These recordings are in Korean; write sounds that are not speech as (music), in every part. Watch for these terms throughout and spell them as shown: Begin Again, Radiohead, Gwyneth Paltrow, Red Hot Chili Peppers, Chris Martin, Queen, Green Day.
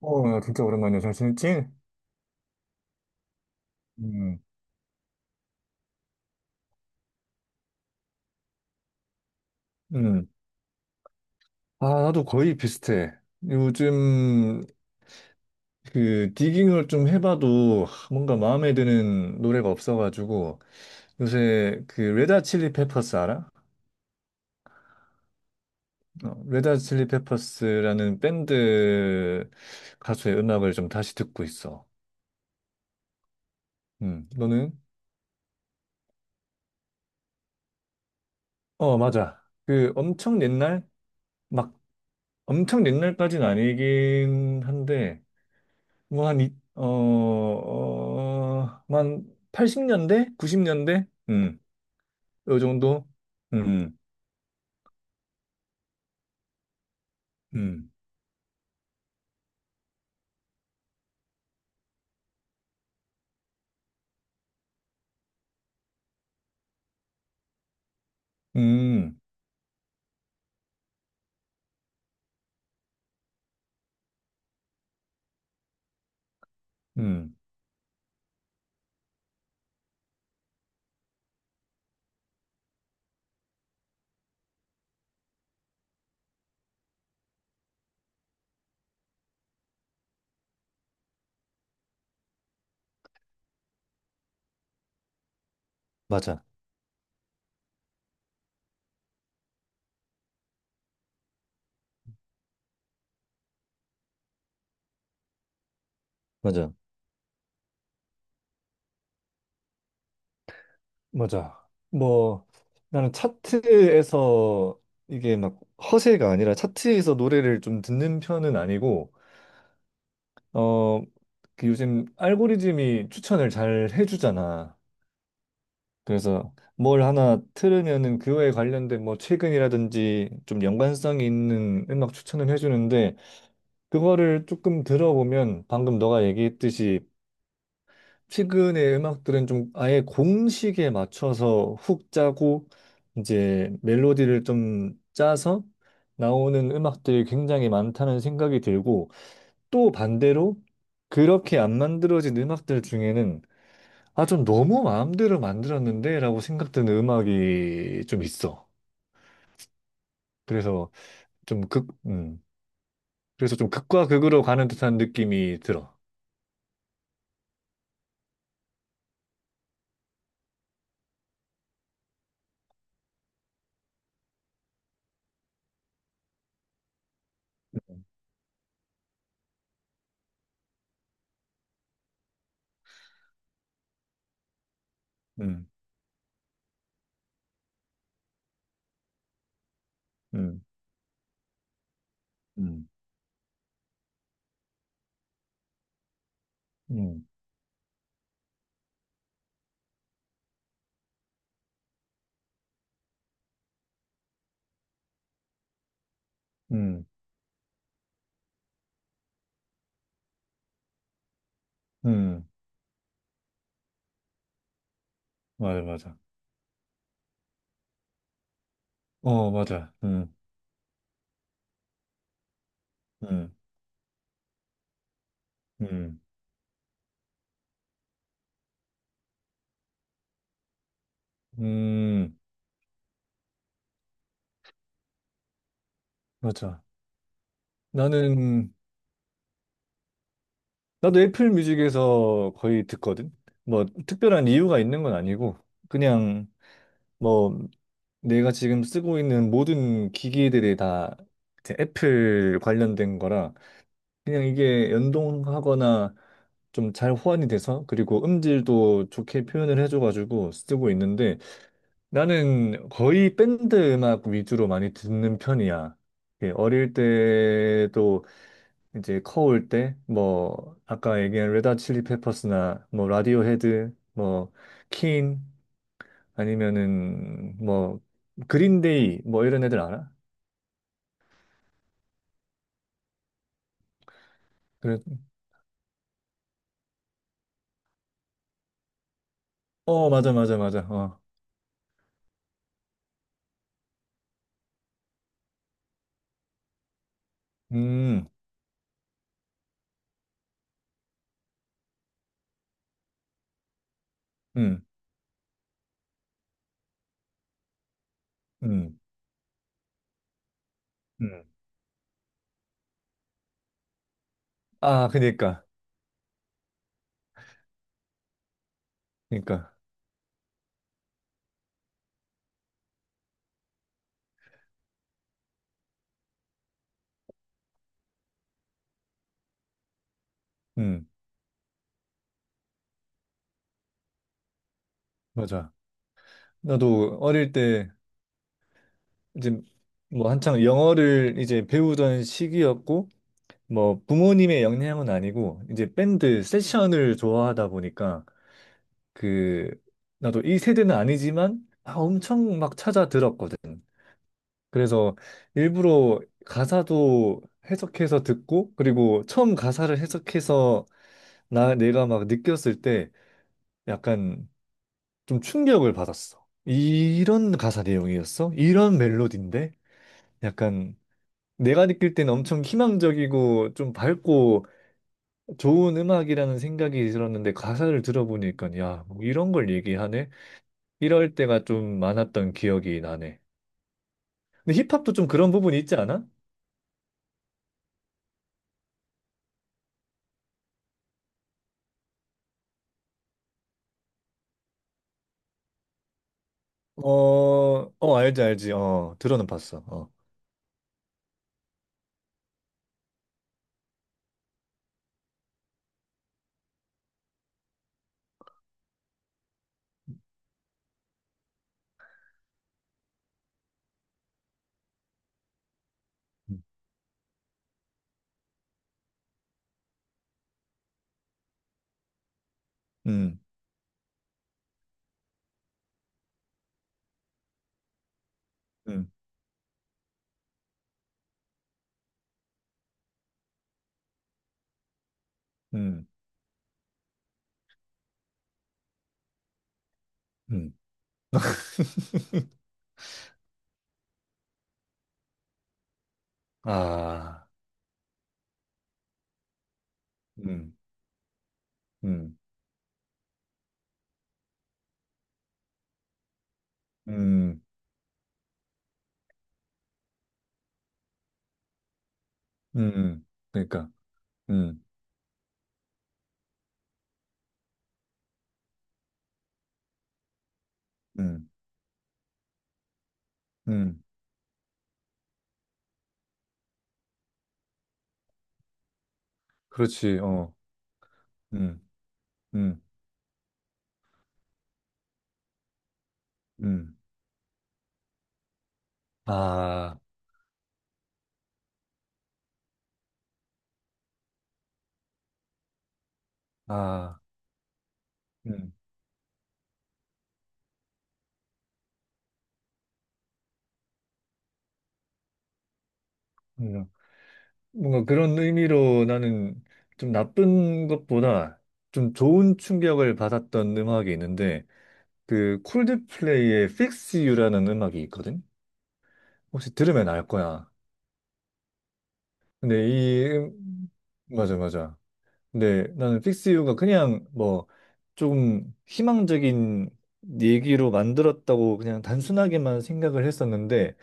어, 야, 진짜 오랜만이야. 잘 지냈지? 음, 음. 아, 나도 거의 비슷해. 요즘 그 디깅을 좀 해봐도 뭔가 마음에 드는 노래가 없어가지고 요새 그 레다 칠리 페퍼스 알아? 어, 레다 칠리 페퍼스라는 밴드 가수의 음악을 좀 다시 듣고 있어. 너는? 어, 맞아. 그 엄청 옛날? 막 엄청 옛날까지는 아니긴 한데 뭐 한, 뭐한 80년대? 90년대? 요 정도? 음, 음, 음, 음, 맞아, 맞아. 맞아. 뭐 나는 차트에서 이게 막 허세가 아니라 차트에서 노래를 좀 듣는 편은 아니고 어 그 요즘 알고리즘이 추천을 잘 해주잖아. 그래서 뭘 하나 틀으면은 그거에 관련된 뭐 최근이라든지 좀 연관성이 있는 음악 추천을 해주는데 그거를 조금 들어보면 방금 너가 얘기했듯이 최근의 음악들은 좀 아예 공식에 맞춰서 훅 짜고 이제 멜로디를 좀 짜서 나오는 음악들이 굉장히 많다는 생각이 들고 또 반대로 그렇게 안 만들어진 음악들 중에는 아, 좀 너무 마음대로 만들었는데? 라고 생각드는 음악이 좀 있어. 그래서 좀 극, 음. 그래서 좀 극과 극으로 가는 듯한 느낌이 들어. 음, 음, 음, 음, 음, 음. 맞아, 맞아. 어, 맞아. 음, 음, 음, 맞아. 나는, 나도 애플 뮤직에서 거의 듣거든? 뭐, 특별한 이유가 있는 건 아니고, 그냥, 뭐, 내가 지금 쓰고 있는 모든 기기들이 다 이제 애플 관련된 거라 그냥 이게 연동하거나 좀 잘 호환이 돼서 그리고 음질도 좋게 표현을 해줘가지고 쓰고 있는데 나는 거의 밴드 음악 위주로 많이 듣는 편이야. 예, 어릴 때도 이제 커올 때 뭐 아까 얘기한 레드 칠리 페퍼스나 뭐 라디오헤드 뭐퀸 아니면은 뭐 그린데이 뭐 이런 애들 알아? 그래. 어, 맞아 맞아 맞아. 어. 음. 음. 음. 음. 아, 그니까. 그니까. 음. 맞아. 나도 어릴 때 이제 뭐 한창 영어를 이제 배우던 시기였고 뭐 부모님의 영향은 아니고 이제 밴드 세션을 좋아하다 보니까 그 나도 이 세대는 아니지만 아, 엄청 막 찾아 들었거든. 그래서 일부러 가사도 해석해서 듣고 그리고 처음 가사를 해석해서 나 내가 막 느꼈을 때 약간 좀 충격을 받았어. 이런 가사 내용이었어? 이런 멜로디인데? 약간 내가 느낄 때는 엄청 희망적이고 좀 밝고 좋은 음악이라는 생각이 들었는데 가사를 들어보니까 야, 뭐 이런 걸 얘기하네? 이럴 때가 좀 많았던 기억이 나네. 근데 힙합도 좀 그런 부분이 있지 않아? 어, 어, 알지, 알지. 어, 들어는 봤어. 어. 음, 음, 음, 음. (laughs) 아, 음, 음, 음, 음. 그러니까, 음, 음, 음. 그렇지, 어, 음, 음, 음. 아, 아, 음, 음. 뭔가 그런 의미로 나는 좀 나쁜 것보다 좀 좋은 충격을 받았던 음악이 있는데, 그 콜드플레이의 Fix You라는 음악이 있거든? 혹시 들으면 알 거야. 근데 맞아, 맞아. 근데 나는 픽스 유가 그냥 뭐 조금 희망적인 얘기로 만들었다고 그냥 단순하게만 생각을 했었는데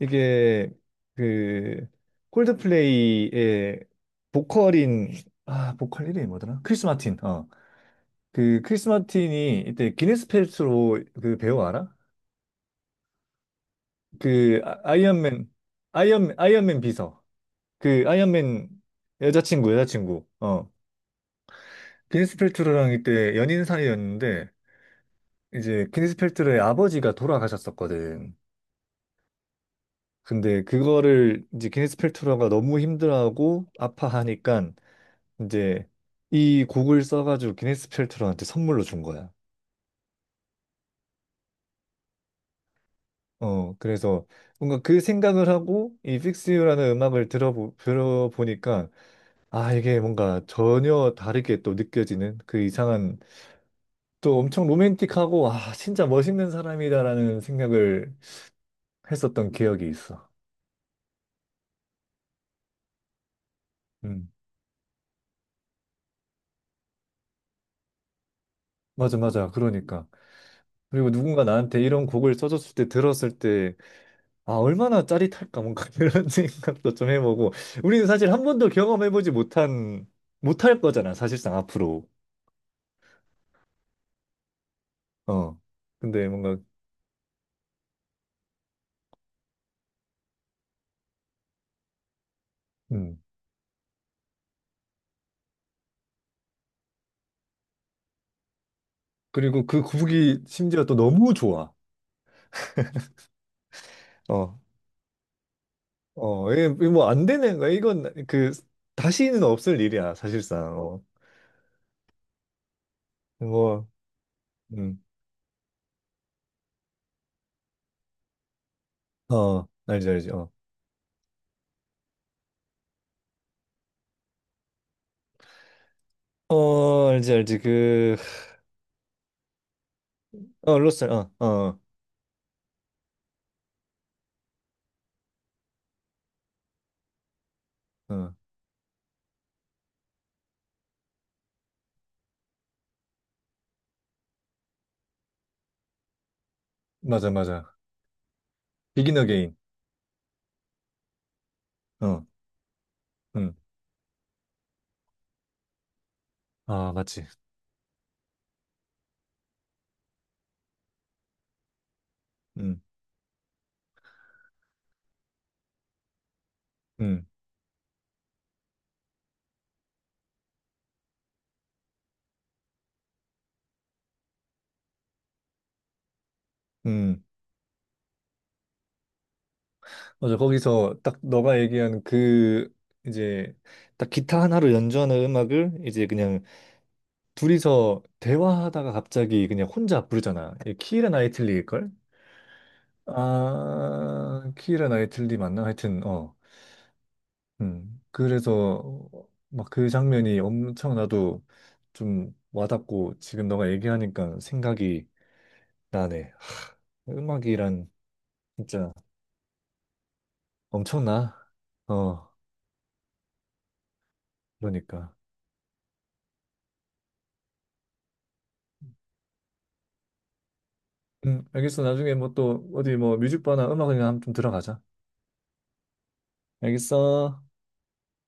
이게 그 콜드플레이의 보컬인 아 보컬 이름이 뭐더라? 크리스 마틴. 어. 그 크리스 마틴이 이때 기네스 펠트로 그 배우 알아? 그 아이언맨 아이언맨 비서. 그 아이언맨 여자친구 어 비니스 펠트로랑 이때 연인 사이였는데 이제 비니스 펠트로의 아버지가 돌아가셨었거든. 근데 그거를 이제 비니스 펠트로가 너무 힘들어하고 아파하니까 이제 이 곡을 써가지고 기네스 펠트로한테 선물로 준 거야. 어 그래서 뭔가 그 생각을 하고 이 Fix You라는 음악을 들어보니까 아 이게 뭔가 전혀 다르게 또 느껴지는 그 이상한 또 엄청 로맨틱하고, 아, 진짜 멋있는 사람이다라는 생각을 했었던 기억이 있어. 음, 맞아, 맞아. 그러니까. 그리고 누군가 나한테 이런 곡을 써줬을 때 들었을 때, 아, 얼마나 짜릿할까, 뭔가 (laughs) 이런 생각도 좀 해보고. 우리는 사실 한 번도 경험해보지 못한, 못할 거잖아, 사실상 앞으로. 어. 근데 뭔가, 음. 그리고 그 곡이 심지어 또 너무 좋아. 어, 이게 뭐안 되는 거야. 이건 그, 다시는 없을 일이야, 사실상. 어. 뭐 음. 어, 알지, 알지, 어. 어, 알지, 알지, 그, 어, 어, 어, 어, 어. 맞아, 맞아. 비긴 어게인, 어, 응 아, 맞지. 응 응 응 맞아, 거기서 딱 너가 얘기한 그, 이제, 딱 기타 하나로 연주하는 음악을 이제 그냥 둘이서 대화하다가 갑자기 그냥 혼자 부르잖아. 이 키라 나이틀리일걸? 아, 키라 나이틀리 맞나? 하여튼, 어. 그래서 막 그 장면이 엄청 나도 좀 와닿고 지금 너가 얘기하니까 생각이 나네. 음악이란 진짜 엄청나. 어, 그러니까. 알겠어. 나중에 뭐 또 어디 뭐 뮤직바나 음악이나 한번 좀 들어가자. 알겠어.